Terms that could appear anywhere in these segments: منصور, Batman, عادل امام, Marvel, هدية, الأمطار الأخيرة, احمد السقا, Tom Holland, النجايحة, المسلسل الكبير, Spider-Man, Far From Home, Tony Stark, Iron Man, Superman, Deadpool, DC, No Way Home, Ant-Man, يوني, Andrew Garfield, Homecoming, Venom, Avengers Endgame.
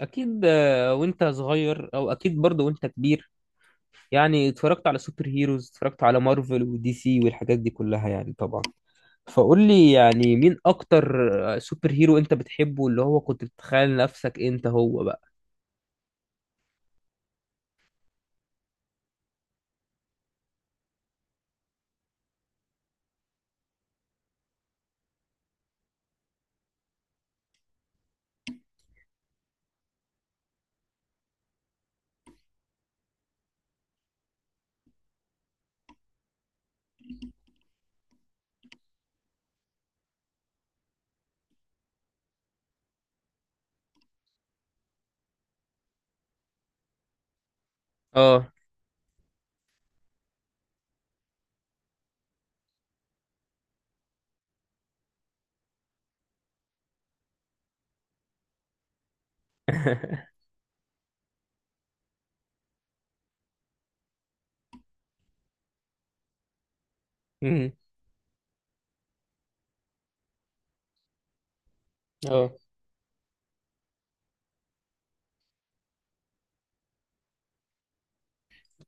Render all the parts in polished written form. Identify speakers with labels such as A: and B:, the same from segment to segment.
A: اكيد وانت صغير او اكيد برضه وانت كبير. يعني اتفرجت على سوبر هيروز، اتفرجت على مارفل ودي سي والحاجات دي كلها يعني طبعا. فقول لي يعني مين اكتر سوبر هيرو انت بتحبه اللي هو كنت بتتخيل نفسك انت هو بقى. اه. مم. اه.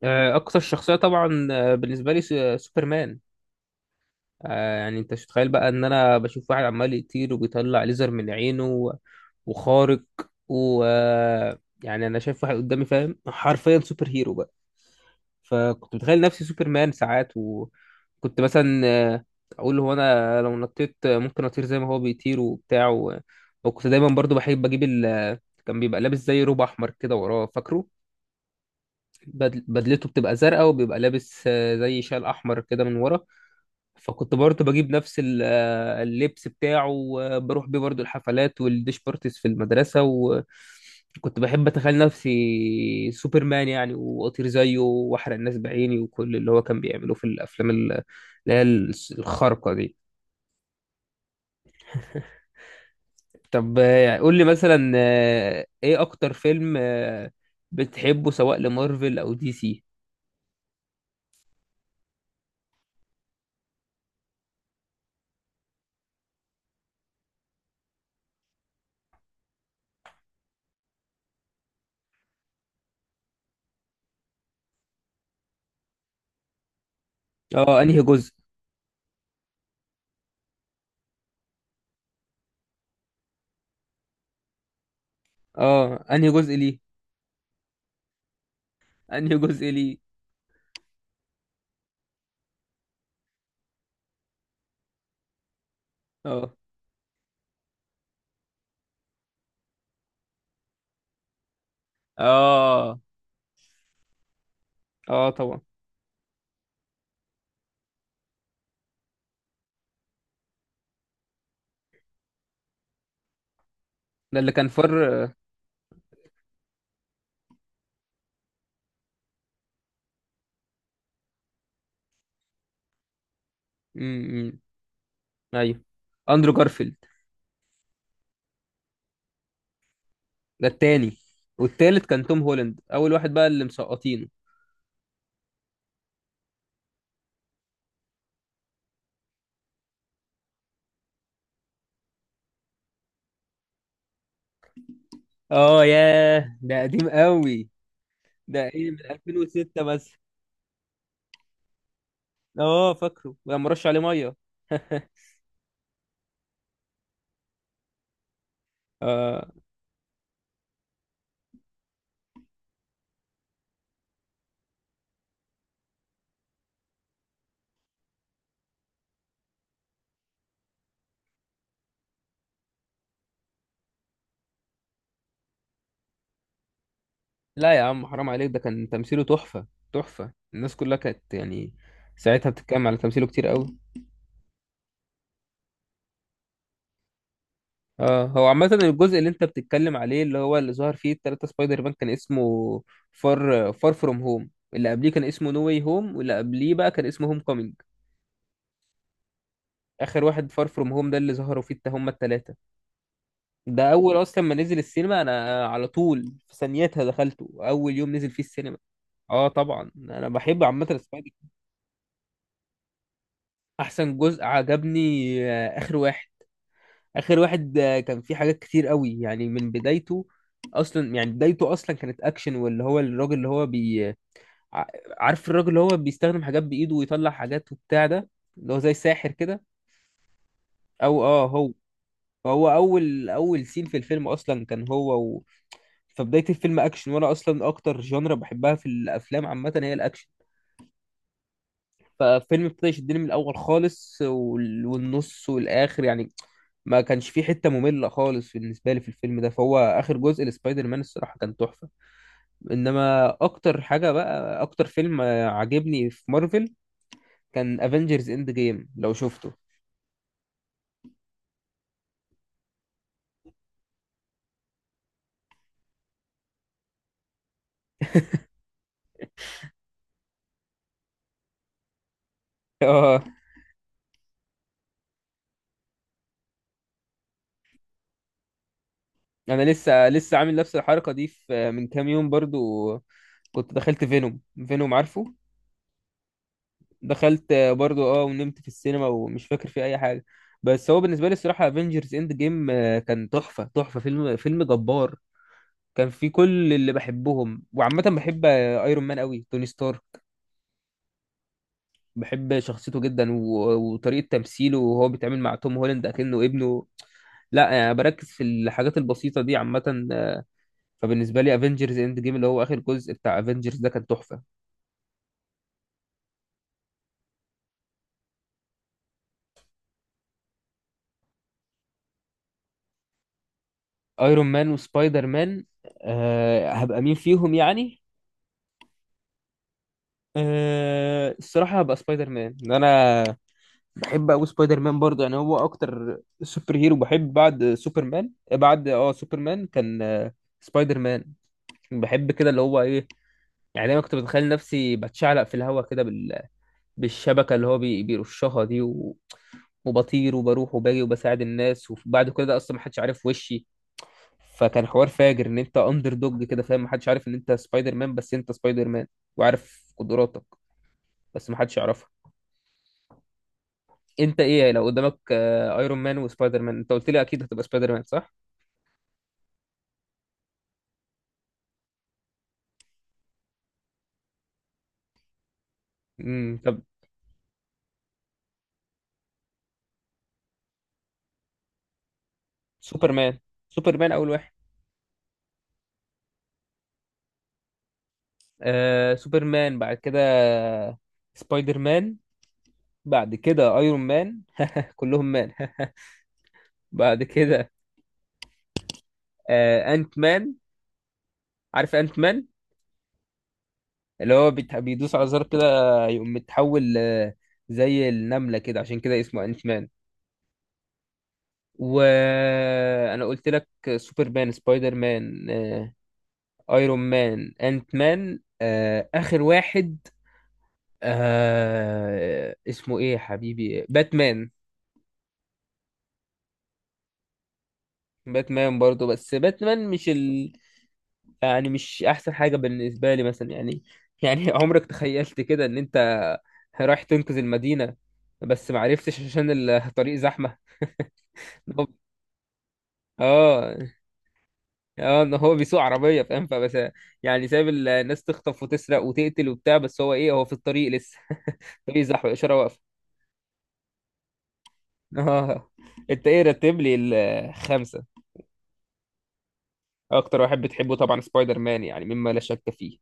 A: اكتر شخصية طبعا بالنسبة لي سوبرمان. آه، يعني انت مش متخيل بقى ان انا بشوف واحد عمال يطير وبيطلع ليزر من عينه وخارق و آه، يعني انا شايف واحد قدامي فاهم حرفيا سوبر هيرو بقى. فكنت متخيل نفسي سوبرمان ساعات، وكنت مثلا اقول هو انا لو نطيت ممكن اطير زي ما هو بيطير وبتاع. وكنت دايما برضو بحب اجيب كان بيبقى لابس زي روب احمر كده وراه فاكره. بدلته بتبقى زرقاء، وبيبقى لابس زي شال احمر كده من ورا. فكنت برضه بجيب نفس اللبس بتاعه، وبروح بيه برضه الحفلات والديش بارتيز في المدرسة، وكنت بحب أتخيل نفسي سوبرمان يعني، وأطير زيه وأحرق الناس بعيني وكل اللي هو كان بيعمله في الأفلام اللي هي الخارقة دي. طب قول لي مثلا إيه أكتر فيلم بتحبه، سواء لمارفل أو دي سي؟ اه أنهي جزء؟ اه أنهي جزء ليه؟ أنهي جزء ليه؟ اه. اه. اه طبعا. ده اللي كان فر. امم. ايوه، اندرو جارفيلد. ده التاني. والتالت كان توم هولاند، اول واحد بقى اللي مسقطينه. اه ياه، ده قديم قوي، ده ايه من 2006 مثلا؟ اه فاكره لما رش عليه ميه. آه. لا يا عم، حرام عليك، ده كان تمثيله تحفة. تحفة، الناس كلها كانت يعني ساعتها بتتكلم على تمثيله كتير قوي. اه هو عامة الجزء اللي انت بتتكلم عليه اللي هو اللي ظهر فيه التلاتة سبايدر مان كان اسمه فار فروم هوم، اللي قبليه كان اسمه نو واي هوم، واللي قبليه بقى كان اسمه هوم كومينج. اخر واحد فار فروم هوم ده اللي ظهروا فيه هما التلاتة. ده اول اصلا ما نزل السينما انا على طول في ثانيتها دخلته اول يوم نزل فيه السينما. اه طبعا انا بحب عامة سبايدر. احسن جزء عجبني اخر واحد. اخر واحد كان فيه حاجات كتير قوي يعني من بدايته. اصلا يعني بدايته اصلا كانت اكشن، واللي هو الراجل اللي هو ع- عارف الراجل اللي هو بيستخدم حاجات بايده ويطلع حاجات وبتاع ده، اللي هو زي ساحر كده. او اه هو اول اول سين في الفيلم اصلا كان هو. فبداية الفيلم اكشن، وانا اصلا اكتر جانرا بحبها في الافلام عامة هي الاكشن. فالفيلم ابتدى يشدني من الاول خالص، والنص والاخر يعني ما كانش في حته ممله خالص بالنسبه لي في الفيلم ده. فهو اخر جزء لسبايدر مان الصراحه كان تحفه. انما اكتر حاجه بقى، اكتر فيلم عجبني في مارفل كان افنجرز اند جيم، لو شفته. اه انا لسه لسه عامل نفس الحركه دي في من كام يوم برضو. كنت دخلت فينوم. فينوم عارفه؟ دخلت برضو اه، ونمت في السينما ومش فاكر فيه اي حاجه. بس هو بالنسبه لي الصراحه افنجرز اند جيم كان تحفه تحفه، فيلم فيلم جبار. كان في كل اللي بحبهم، وعامة بحب ايرون مان قوي، توني ستارك. بحب شخصيته جدا وطريقة تمثيله، وهو بيتعامل مع توم هولاند اكنه ابنه لا يعني. بركز في الحاجات البسيطة دي عامة. فبالنسبة لي افنجرز اند جيم اللي هو اخر جزء بتاع افنجرز ده كان تحفة. ايرون مان وسبايدر مان؟ أه هبقى مين فيهم يعني؟ أه الصراحة هبقى سبايدر مان انا. بحب أوي سبايدر مان برضه يعني، هو أكتر سوبر هيرو بحب بعد سوبرمان. بعد اه سوبرمان كان سبايدر مان. بحب كده اللي هو إيه، يعني دايما كنت بتخيل نفسي بتشعلق في الهوا كده بالشبكة اللي هو بيرشها دي، وبطير وبروح وباجي وبساعد الناس، وبعد كل ده اصلا محدش عارف وشي. فكان حوار فاجر ان انت اندر دوج كده، فاهم؟ محدش عارف ان انت سبايدر مان، بس انت سبايدر مان وعارف قدراتك بس محدش يعرفها. انت ايه لو قدامك ايرون مان وسبايدر مان؟ انت قلت لي اكيد هتبقى سبايدر مان، صح؟ طب. سوبرمان. سوبرمان اول واحد. آه سوبرمان، بعد كده سبايدر مان، بعد كده ايرون مان. كلهم مان. بعد كده آه انت مان. عارف انت مان؟ اللي هو بيدوس على زر كده يقوم متحول زي النملة كده، عشان كده اسمه انت مان. وانا قلت لك سوبرمان، سبايدر مان، ايرون مان، انت مان، اخر واحد آه اسمه ايه يا حبيبي، باتمان. باتمان برضه، بس باتمان مش ال... يعني مش احسن حاجة بالنسبة لي مثلا يعني. يعني عمرك تخيلت كده ان انت رايح تنقذ المدينة بس معرفتش عشان الطريق زحمة؟ هو- اه. اه ان هو بيسوق عربية، فاهم؟ فبس يعني سايب الناس تخطف وتسرق وتقتل وبتاع، بس هو ايه، هو في الطريق لسه. الطريق زحمة، الإشارة واقفة. اه. انت ايه، رتب لي الخمسه. اكتر واحد بتحبه طبعا سبايدر مان يعني، مما لا شك فيه.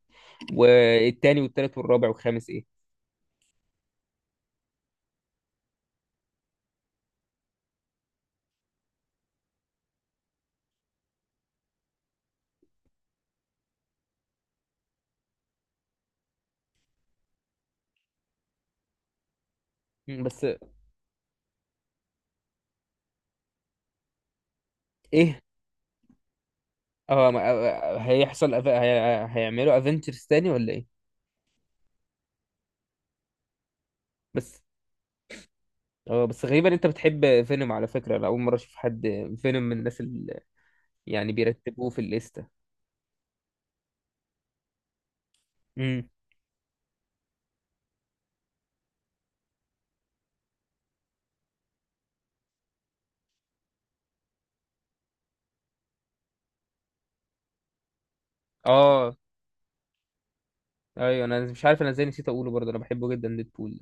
A: والتاني والتالت والرابع والخامس ايه؟ مم، بس ايه؟ اه هيحصل هيعملوا افنجرز تاني ولا ايه؟ بس اه، بس غريبا انت بتحب فينوم، على فكره انا اول مره اشوف حد فينوم من الناس اللي يعني بيرتبوه في الليسته. امم. اه ايوه انا مش عارف انا ازاي نسيت اقوله برضه، انا بحبه جدا ديدبول.